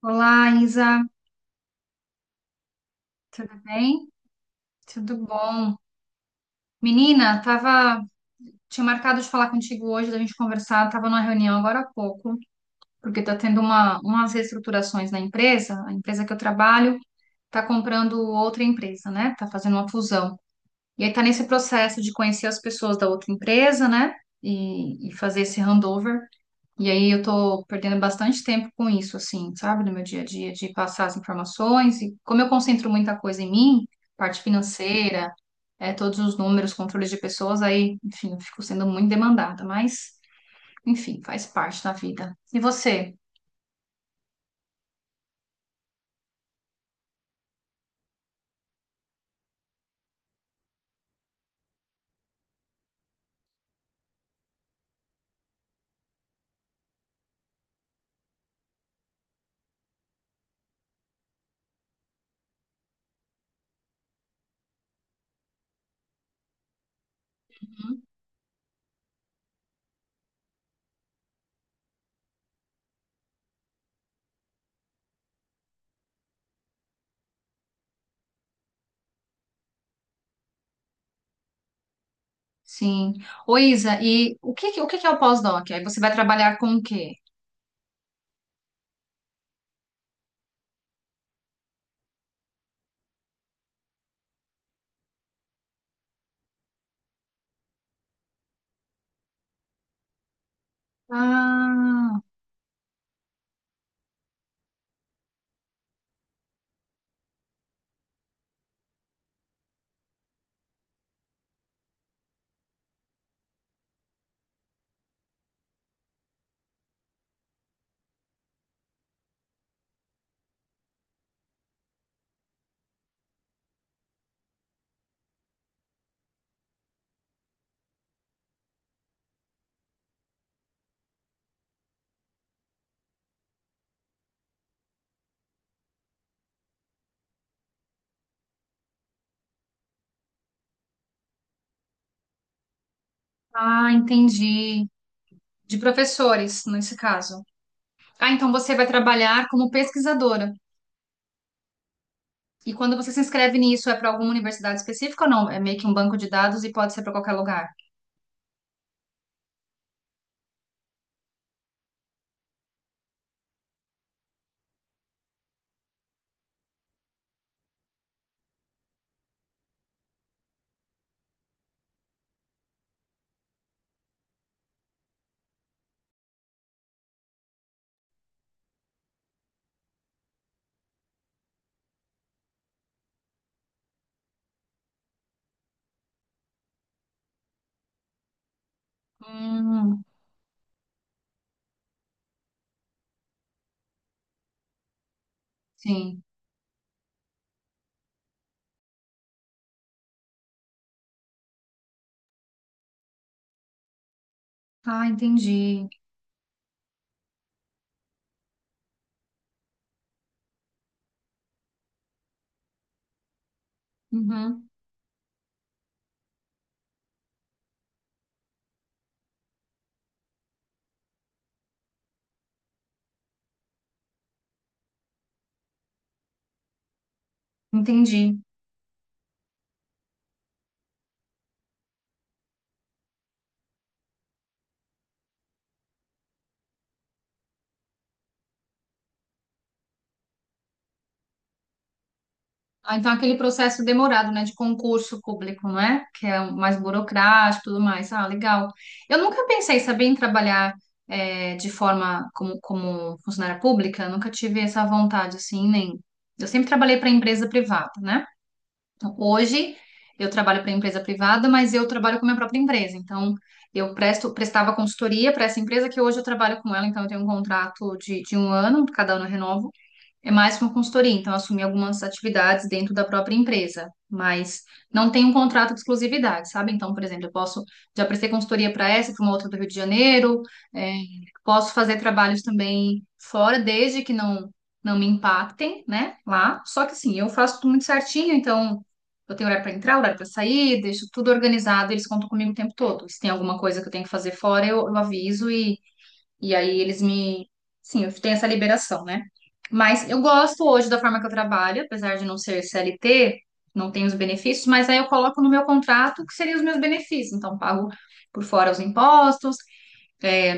Olá, Isa, tudo bem? Tudo bom? Menina, tinha marcado de falar contigo hoje, da gente conversar, tava numa reunião agora há pouco, porque tá tendo umas reestruturações na empresa, a empresa que eu trabalho tá comprando outra empresa, né? Tá fazendo uma fusão. E aí tá nesse processo de conhecer as pessoas da outra empresa, né? E fazer esse handover. E aí eu tô perdendo bastante tempo com isso, assim, sabe, no meu dia a dia, de passar as informações. E como eu concentro muita coisa em mim, parte financeira, todos os números, controles de pessoas, aí, enfim, eu fico sendo muito demandada. Mas, enfim, faz parte da vida. E você? Uhum. Sim. Ô, Isa, e o que que é o pós-doc? Aí você vai trabalhar com o quê? Ah, ah, entendi. De professores, nesse caso. Ah, então você vai trabalhar como pesquisadora. E quando você se inscreve nisso, é para alguma universidade específica ou não? É meio que um banco de dados e pode ser para qualquer lugar. Hum, sim. Ah, entendi. Uhum, entendi. Ah, então aquele processo demorado, né, de concurso público, não é? Que é um mais burocrático e tudo mais. Ah, legal. Eu nunca pensei, sabia, em trabalhar de forma como funcionária pública. Nunca tive essa vontade, assim, nem. Eu sempre trabalhei para empresa privada, né? Então, hoje eu trabalho para empresa privada, mas eu trabalho com minha própria empresa. Então, eu prestava consultoria para essa empresa que hoje eu trabalho com ela, então eu tenho um contrato de um ano, cada ano eu renovo. É mais uma consultoria, então eu assumi algumas atividades dentro da própria empresa, mas não tem um contrato de exclusividade, sabe? Então, por exemplo, eu posso, já prestei consultoria para essa, para uma outra do Rio de Janeiro, é, posso fazer trabalhos também fora, desde que não me impactem, né? Lá. Só que assim, eu faço tudo muito certinho, então eu tenho horário para entrar, horário para sair, deixo tudo organizado, eles contam comigo o tempo todo. Se tem alguma coisa que eu tenho que fazer fora, eu aviso e aí eles me. Sim, eu tenho essa liberação, né? Mas eu gosto hoje da forma que eu trabalho, apesar de não ser CLT, não tenho os benefícios, mas aí eu coloco no meu contrato que seriam os meus benefícios. Então, pago por fora os impostos, é,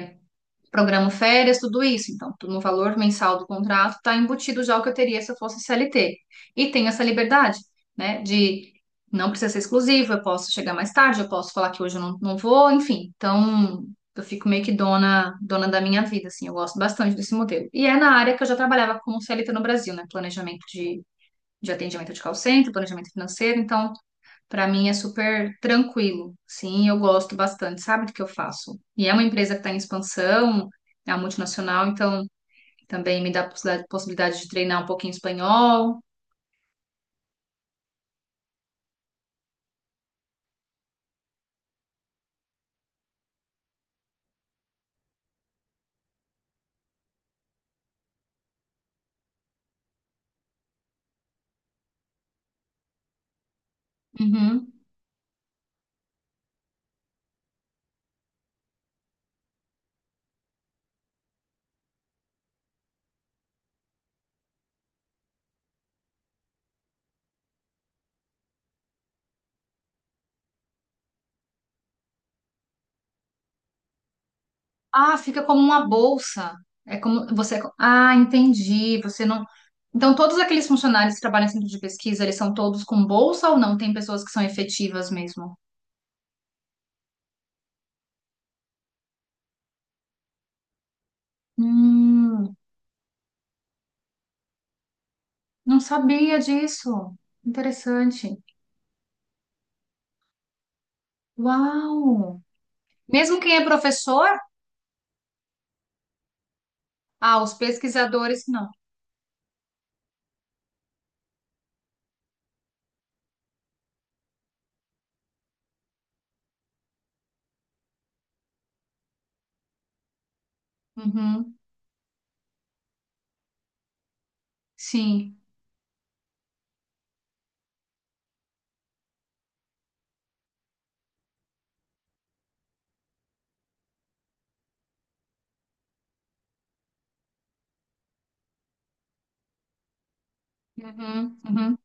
programa férias, tudo isso. Então, no valor mensal do contrato está embutido já o que eu teria se eu fosse CLT. E tem essa liberdade, né, de não precisa ser exclusivo, eu posso chegar mais tarde, eu posso falar que hoje eu não vou, enfim. Então, eu fico meio que dona, dona da minha vida, assim, eu gosto bastante desse modelo. E é na área que eu já trabalhava como CLT no Brasil, né, planejamento de atendimento de call center, planejamento financeiro, então para mim é super tranquilo. Sim, eu gosto bastante, sabe do que eu faço? E é uma empresa que está em expansão, é uma multinacional, então também me dá possibilidade de treinar um pouquinho espanhol. Uhum. Ah, fica como uma bolsa. É como você. Ah, entendi. Você não. Então, todos aqueles funcionários que trabalham em centro de pesquisa, eles são todos com bolsa ou não? Tem pessoas que são efetivas mesmo? Hum, não sabia disso. Interessante. Uau! Mesmo quem é professor? Ah, os pesquisadores, não. Uhum, sim. Uhum, uhum.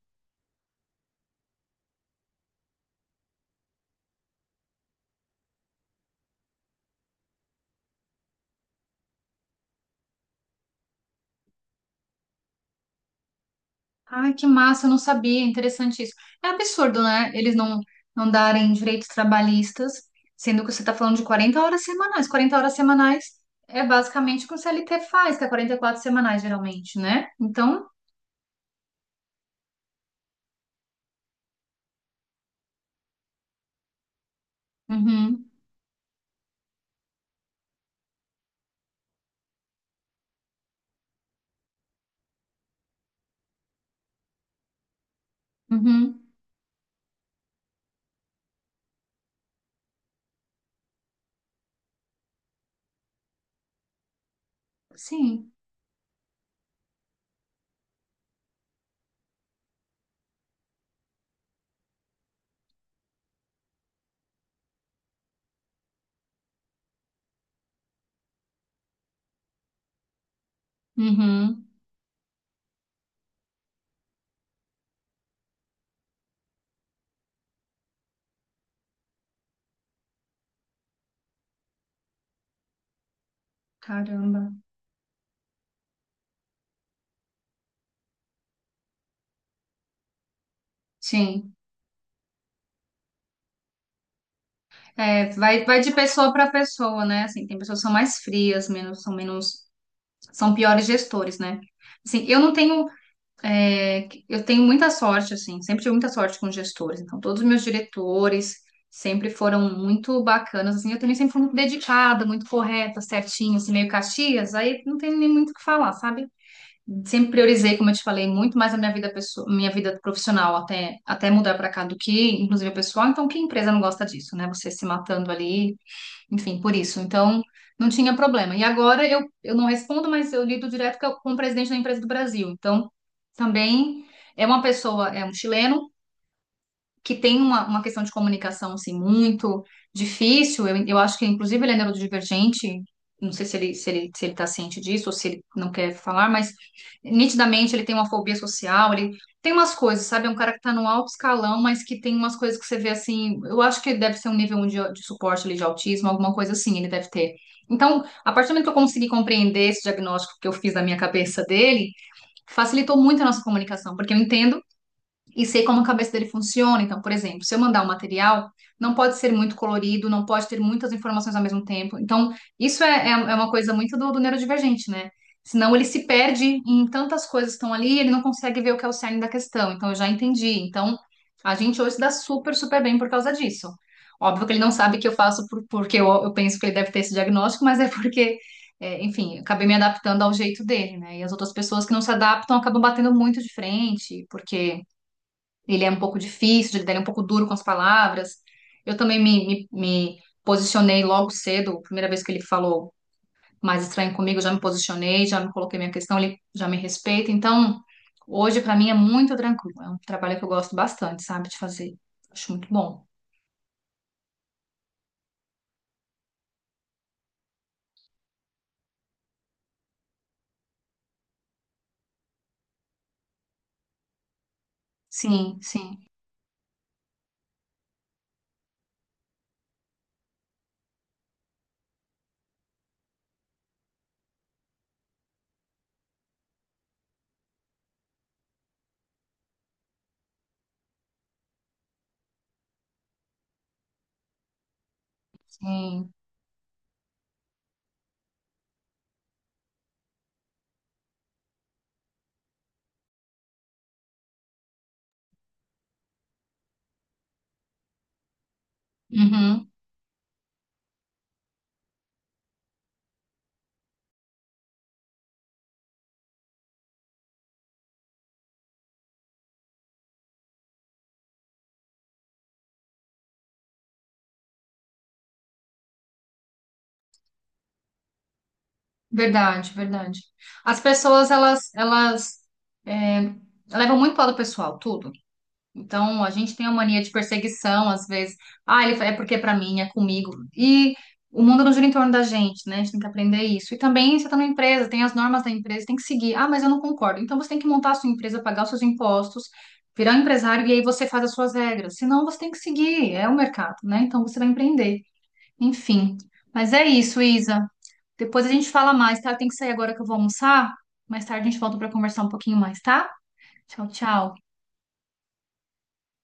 Ai, que massa, eu não sabia, interessante isso. É absurdo, né? Eles não darem direitos trabalhistas, sendo que você está falando de 40 horas semanais. 40 horas semanais é basicamente o que o CLT faz, que é 44 semanais, geralmente, né? Então, uhum, uhum, sim. Uhum, caramba. Sim. É, vai de pessoa para pessoa, né? Assim, tem pessoas que são mais frias, menos são piores gestores, né? Assim, eu não tenho, eu tenho muita sorte, assim, sempre tive muita sorte com gestores. Então, todos os meus diretores sempre foram muito bacanas, assim, eu também sempre fui muito dedicada, muito correta, certinho, assim, meio Caxias, aí não tem nem muito o que falar, sabe? Sempre priorizei, como eu te falei, muito mais a minha vida pessoal, minha vida profissional até mudar para cá do que, inclusive, a pessoal. Então, que empresa não gosta disso, né? Você se matando ali, enfim, por isso. Então, não tinha problema. E agora eu não respondo, mas eu lido direto com o presidente da empresa do Brasil. Então, também é uma pessoa, é um chileno que tem uma questão de comunicação assim, muito difícil. Eu acho que, inclusive, ele é neurodivergente. Não sei se ele está ciente disso ou se ele não quer falar, mas nitidamente ele tem uma fobia social, ele tem umas coisas, sabe? É um cara que está no alto escalão, mas que tem umas coisas que você vê assim. Eu acho que ele deve ser um nível de suporte ali, de autismo, alguma coisa assim, ele deve ter. Então, a partir do momento que eu consegui compreender esse diagnóstico que eu fiz na minha cabeça dele, facilitou muito a nossa comunicação, porque eu entendo e sei como a cabeça dele funciona. Então, por exemplo, se eu mandar um material, não pode ser muito colorido, não pode ter muitas informações ao mesmo tempo. Então, isso é uma coisa muito do neurodivergente, né? Senão ele se perde em tantas coisas que estão ali, ele não consegue ver o que é o cerne da questão. Então, eu já entendi. Então, a gente hoje se dá super, super bem por causa disso. Óbvio que ele não sabe que eu faço porque eu penso que ele deve ter esse diagnóstico, mas é porque, enfim, eu acabei me adaptando ao jeito dele, né? E as outras pessoas que não se adaptam acabam batendo muito de frente, porque ele é um pouco difícil, ele é um pouco duro com as palavras. Eu também me posicionei logo cedo, primeira vez que ele falou mais estranho comigo, eu já me posicionei, já me coloquei minha questão, ele já me respeita. Então, hoje para mim é muito tranquilo. É um trabalho que eu gosto bastante, sabe, de fazer. Acho muito bom. Sim, sim, sim. Uhum. Verdade, verdade. As pessoas, elas é, levam muito para o lado pessoal, tudo. Então, a gente tem a mania de perseguição, às vezes. Ah, ele é porque é pra mim, é comigo. E o mundo não gira em torno da gente, né? A gente tem que aprender isso. E também, você está numa empresa, tem as normas da empresa, tem que seguir. Ah, mas eu não concordo. Então, você tem que montar a sua empresa, pagar os seus impostos, virar um empresário e aí você faz as suas regras. Senão, você tem que seguir. É o mercado, né? Então, você vai empreender. Enfim. Mas é isso, Isa. Depois a gente fala mais, tá? Eu tenho que sair agora que eu vou almoçar. Mais tarde a gente volta para conversar um pouquinho mais, tá? Tchau, tchau.